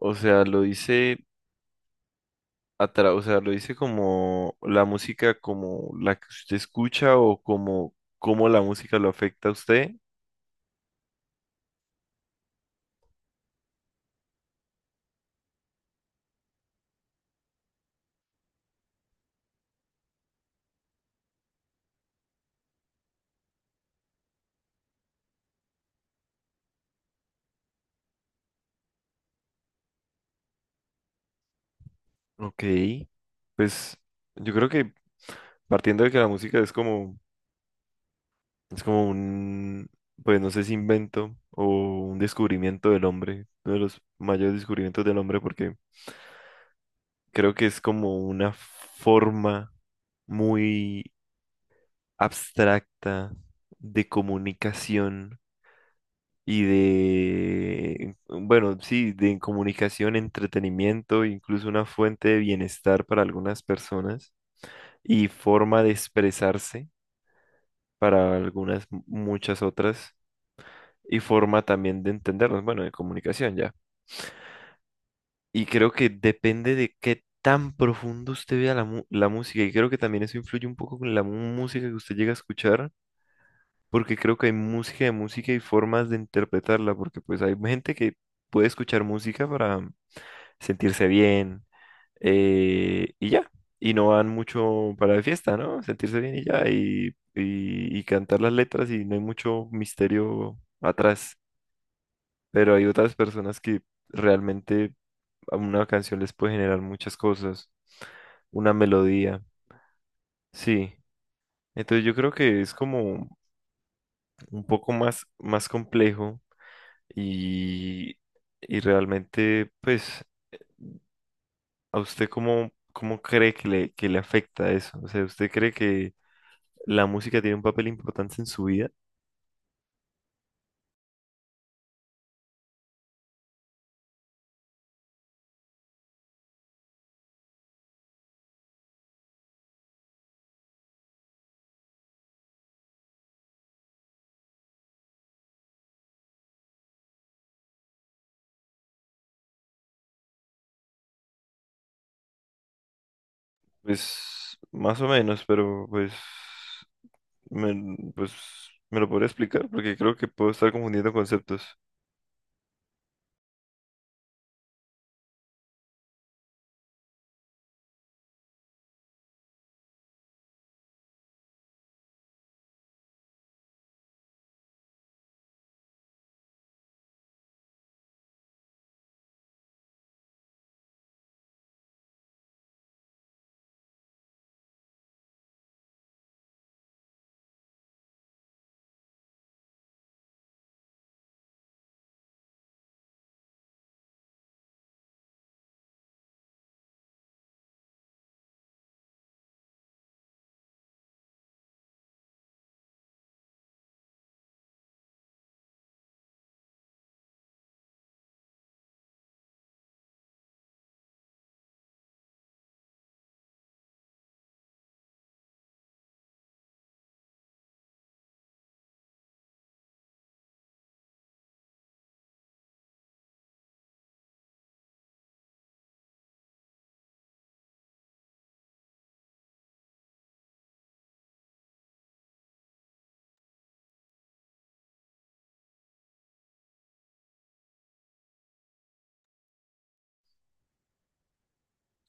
O sea, lo dice o sea, lo dice como la música como la que usted escucha o como cómo la música lo afecta a usted. Ok, pues yo creo que partiendo de que la música es como es como un, pues no sé si invento o un descubrimiento del hombre, uno de los mayores descubrimientos del hombre, porque creo que es como una forma muy abstracta de comunicación y de, bueno, sí, de comunicación, entretenimiento, incluso una fuente de bienestar para algunas personas y forma de expresarse para algunas, muchas otras, y forma también de entendernos, bueno, de comunicación ya. Y creo que depende de qué tan profundo usted vea la música, y creo que también eso influye un poco con la música que usted llega a escuchar, porque creo que hay música de música y formas de interpretarla, porque pues hay gente que puede escuchar música para sentirse bien y ya. Y no van mucho para de fiesta, ¿no? Sentirse bien y ya. Y cantar las letras y no hay mucho misterio atrás. Pero hay otras personas que realmente a una canción les puede generar muchas cosas. Una melodía. Sí. Entonces yo creo que es como un poco más complejo y, y realmente pues ¿a usted cómo cree que que le afecta eso? O sea, ¿usted cree que la música tiene un papel importante en su vida? Pues más o menos, pero pues me lo podría explicar porque creo que puedo estar confundiendo conceptos.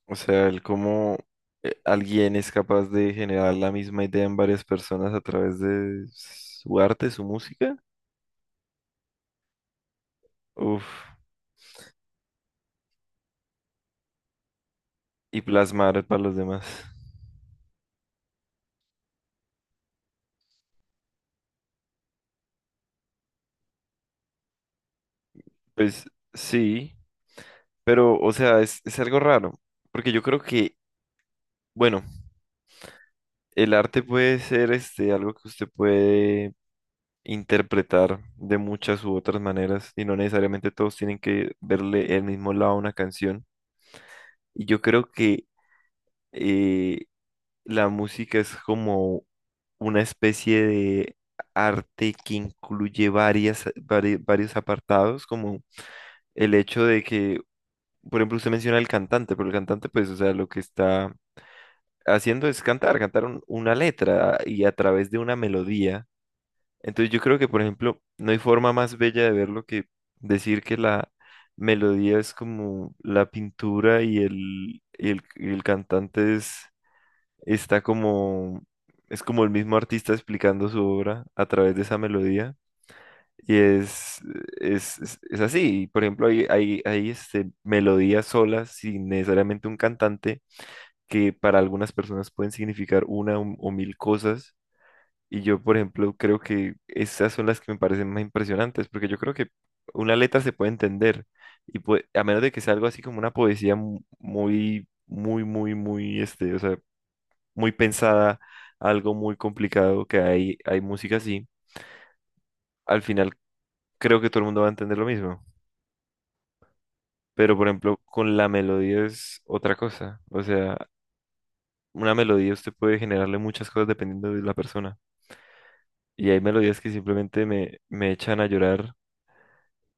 O sea, el cómo alguien es capaz de generar la misma idea en varias personas a través de su arte, su música, uf, y plasmar para los demás. Pues sí, pero o sea, es algo raro, porque yo creo que, bueno, el arte puede ser este, algo que usted puede interpretar de muchas u otras maneras y no necesariamente todos tienen que verle el mismo lado a una canción. Y yo creo que eh, la música es como una especie de arte que incluye varios apartados, como el hecho de que, por ejemplo, usted menciona al cantante, pero el cantante, pues, o sea, lo que está haciendo es cantar una letra y a través de una melodía. Entonces yo creo que, por ejemplo, no hay forma más bella de verlo que decir que la melodía es como la pintura y el cantante está como, es como el mismo artista explicando su obra a través de esa melodía. Y es, es así. Por ejemplo, hay este, melodías solas sin necesariamente un cantante que para algunas personas pueden significar una o mil cosas y yo, por ejemplo, creo que esas son las que me parecen más impresionantes, porque yo creo que una letra se puede entender, y a menos de que sea algo así como una poesía muy, muy, muy, muy, este, o sea, muy pensada, algo muy complicado, que hay música así, al final creo que todo el mundo va a entender lo mismo. Pero, por ejemplo, con la melodía es otra cosa, o sea, una melodía usted puede generarle muchas cosas dependiendo de la persona. Y hay melodías que simplemente me echan a llorar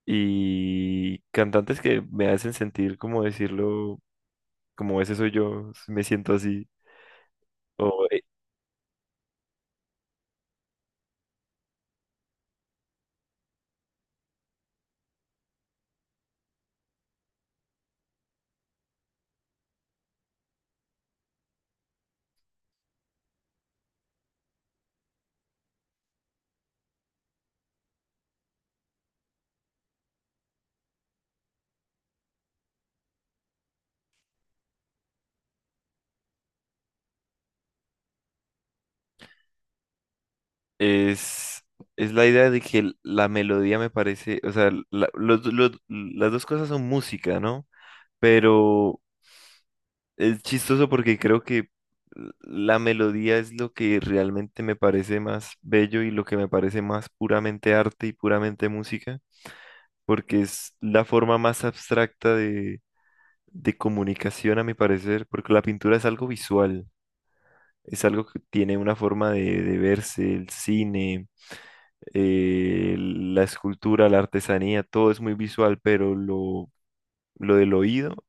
y cantantes que me hacen sentir, como decirlo, como ese soy yo, si me siento así. O es, es la idea de que la melodía me parece, o sea, las dos cosas son música, ¿no? Pero es chistoso porque creo que la melodía es lo que realmente me parece más bello y lo que me parece más puramente arte y puramente música, porque es la forma más abstracta de comunicación, a mi parecer, porque la pintura es algo visual, es algo que tiene una forma de verse, el cine, la escultura, la artesanía, todo es muy visual, pero lo del oído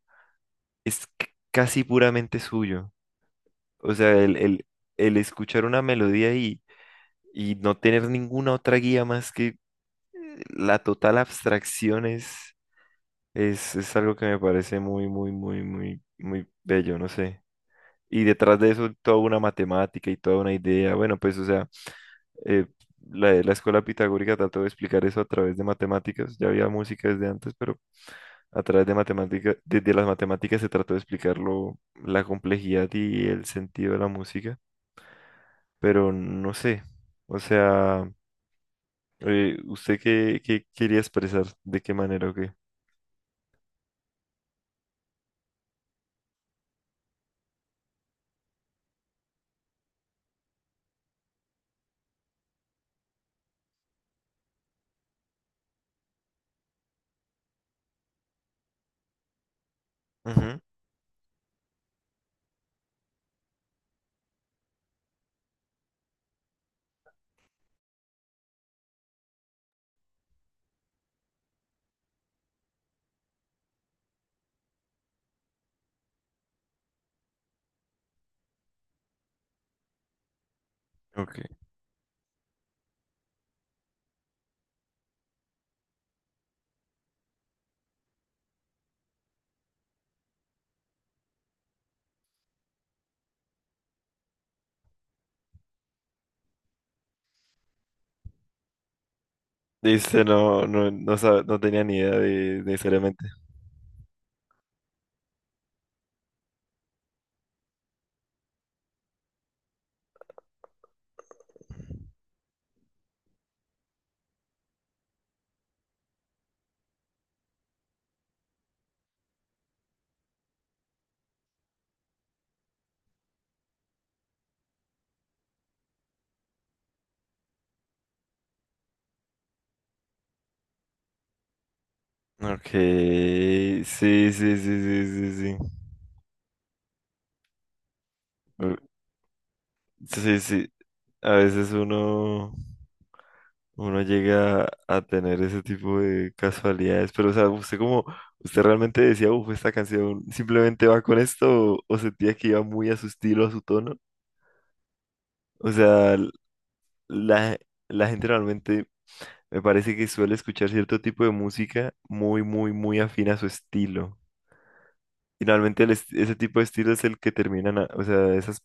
es casi puramente suyo. O sea, el escuchar una melodía y no tener ninguna otra guía más que la total abstracción es algo que me parece muy, muy, muy, muy, muy bello, no sé. Y detrás de eso toda una matemática y toda una idea. Bueno, pues o sea, eh, la escuela pitagórica trató de explicar eso a través de matemáticas. Ya había música desde antes, pero a través de matemáticas, desde las matemáticas se trató de explicarlo, la complejidad y el sentido de la música. Pero no sé, o sea, ¿usted qué quería expresar? ¿De qué manera o qué? Ujú. Ok. Dice, no, no, no, no tenía ni idea de necesariamente. Ok, sí, sí, sí, sí, sí, sí. Uh, sí, sí. A veces uno llega a tener ese tipo de casualidades, pero o sea, usted realmente decía, uff, esta canción simplemente va con esto, o sentía que iba muy a su estilo, a su tono. O sea, la, la gente realmente me parece que suele escuchar cierto tipo de música muy, muy, muy afín a su estilo. Finalmente ese tipo de estilo es el que terminan, a- o sea, esas,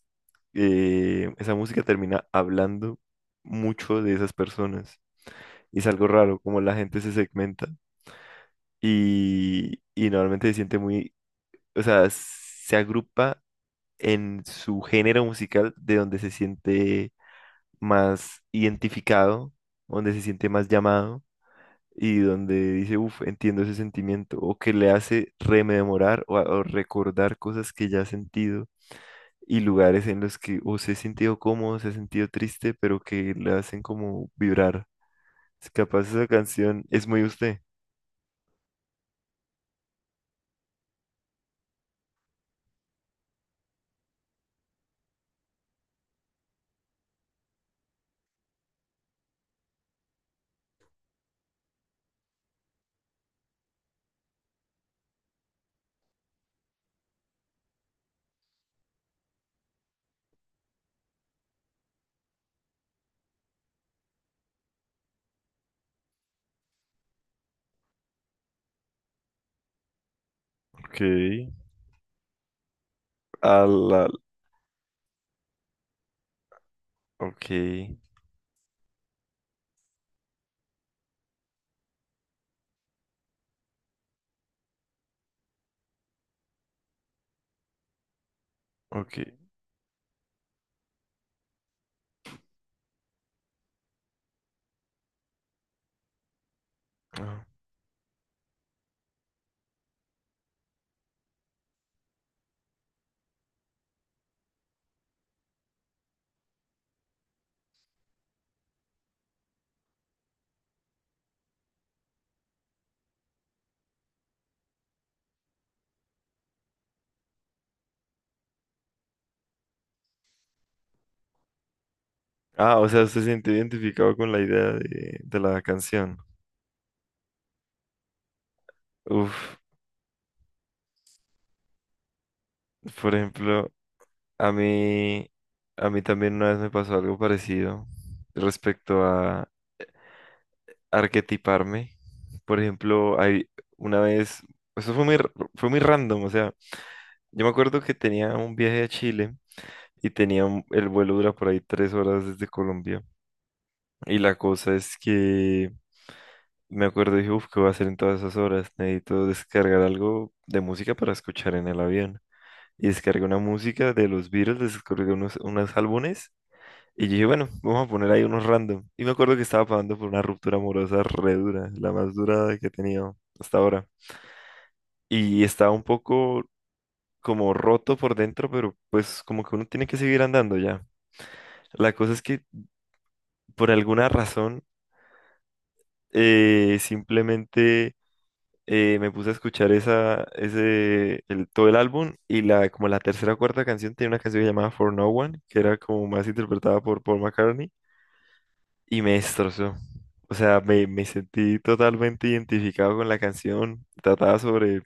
eh, esa música termina hablando mucho de esas personas. Y es algo raro, como la gente se segmenta y normalmente se siente muy, o sea, se agrupa en su género musical de donde se siente más identificado, donde se siente más llamado y donde dice, uff, entiendo ese sentimiento, o que le hace rememorar o, a- o recordar cosas que ya ha sentido y lugares en los que o se ha sentido cómodo, se ha sentido triste, pero que le hacen como vibrar. Es capaz esa canción es muy usted. Ok. A la... Ok, ok. Ah. Ah, o sea, usted se siente identificado con la idea de la canción. Uf, por ejemplo, a mí, a mí también una vez me pasó algo parecido respecto a arquetiparme. Por ejemplo, hay una vez, eso fue muy, fue muy random, o sea, yo me acuerdo que tenía un viaje a Chile y tenía el vuelo dura por ahí 3 horas desde Colombia. Y la cosa es que me acuerdo y dije, uff, ¿qué voy a hacer en todas esas horas? Necesito descargar algo de música para escuchar en el avión. Y descargué una música de los Beatles, descargué unos álbumes. Y yo dije, bueno, vamos a poner ahí unos random. Y me acuerdo que estaba pasando por una ruptura amorosa re dura, la más dura que he tenido hasta ahora. Y estaba un poco como roto por dentro, pero pues como que uno tiene que seguir andando ya. La cosa es que por alguna razón simplemente me puse a escuchar todo el álbum y la, como la tercera o cuarta canción tenía una canción llamada For No One, que era como más interpretada por Paul McCartney y me destrozó. O sea, me sentí totalmente identificado con la canción. Trataba sobre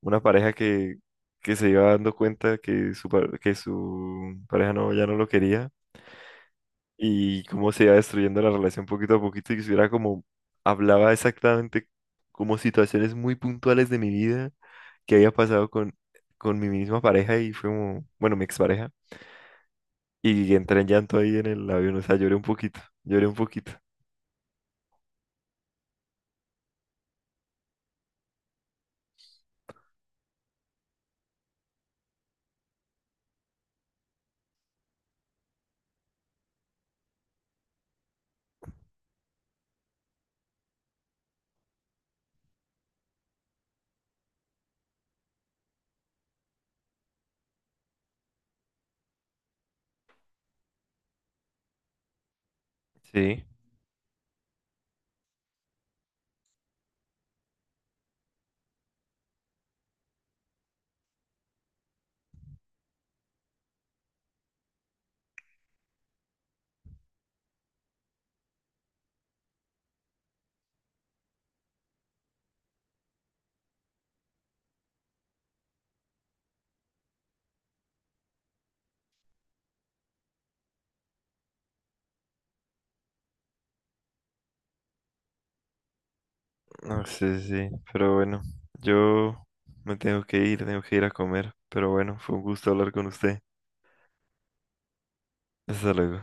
una pareja que se iba dando cuenta que que su pareja no, ya no lo quería y cómo se iba destruyendo la relación poquito a poquito y que hubiera como, hablaba exactamente como situaciones muy puntuales de mi vida que había pasado con mi misma pareja y fue como, bueno, mi expareja. Y entré en llanto ahí en el avión, o sea, lloré un poquito, lloré un poquito. Sí, no sé, sí, pero bueno, yo me tengo que ir a comer, pero bueno, fue un gusto hablar con usted. Hasta luego.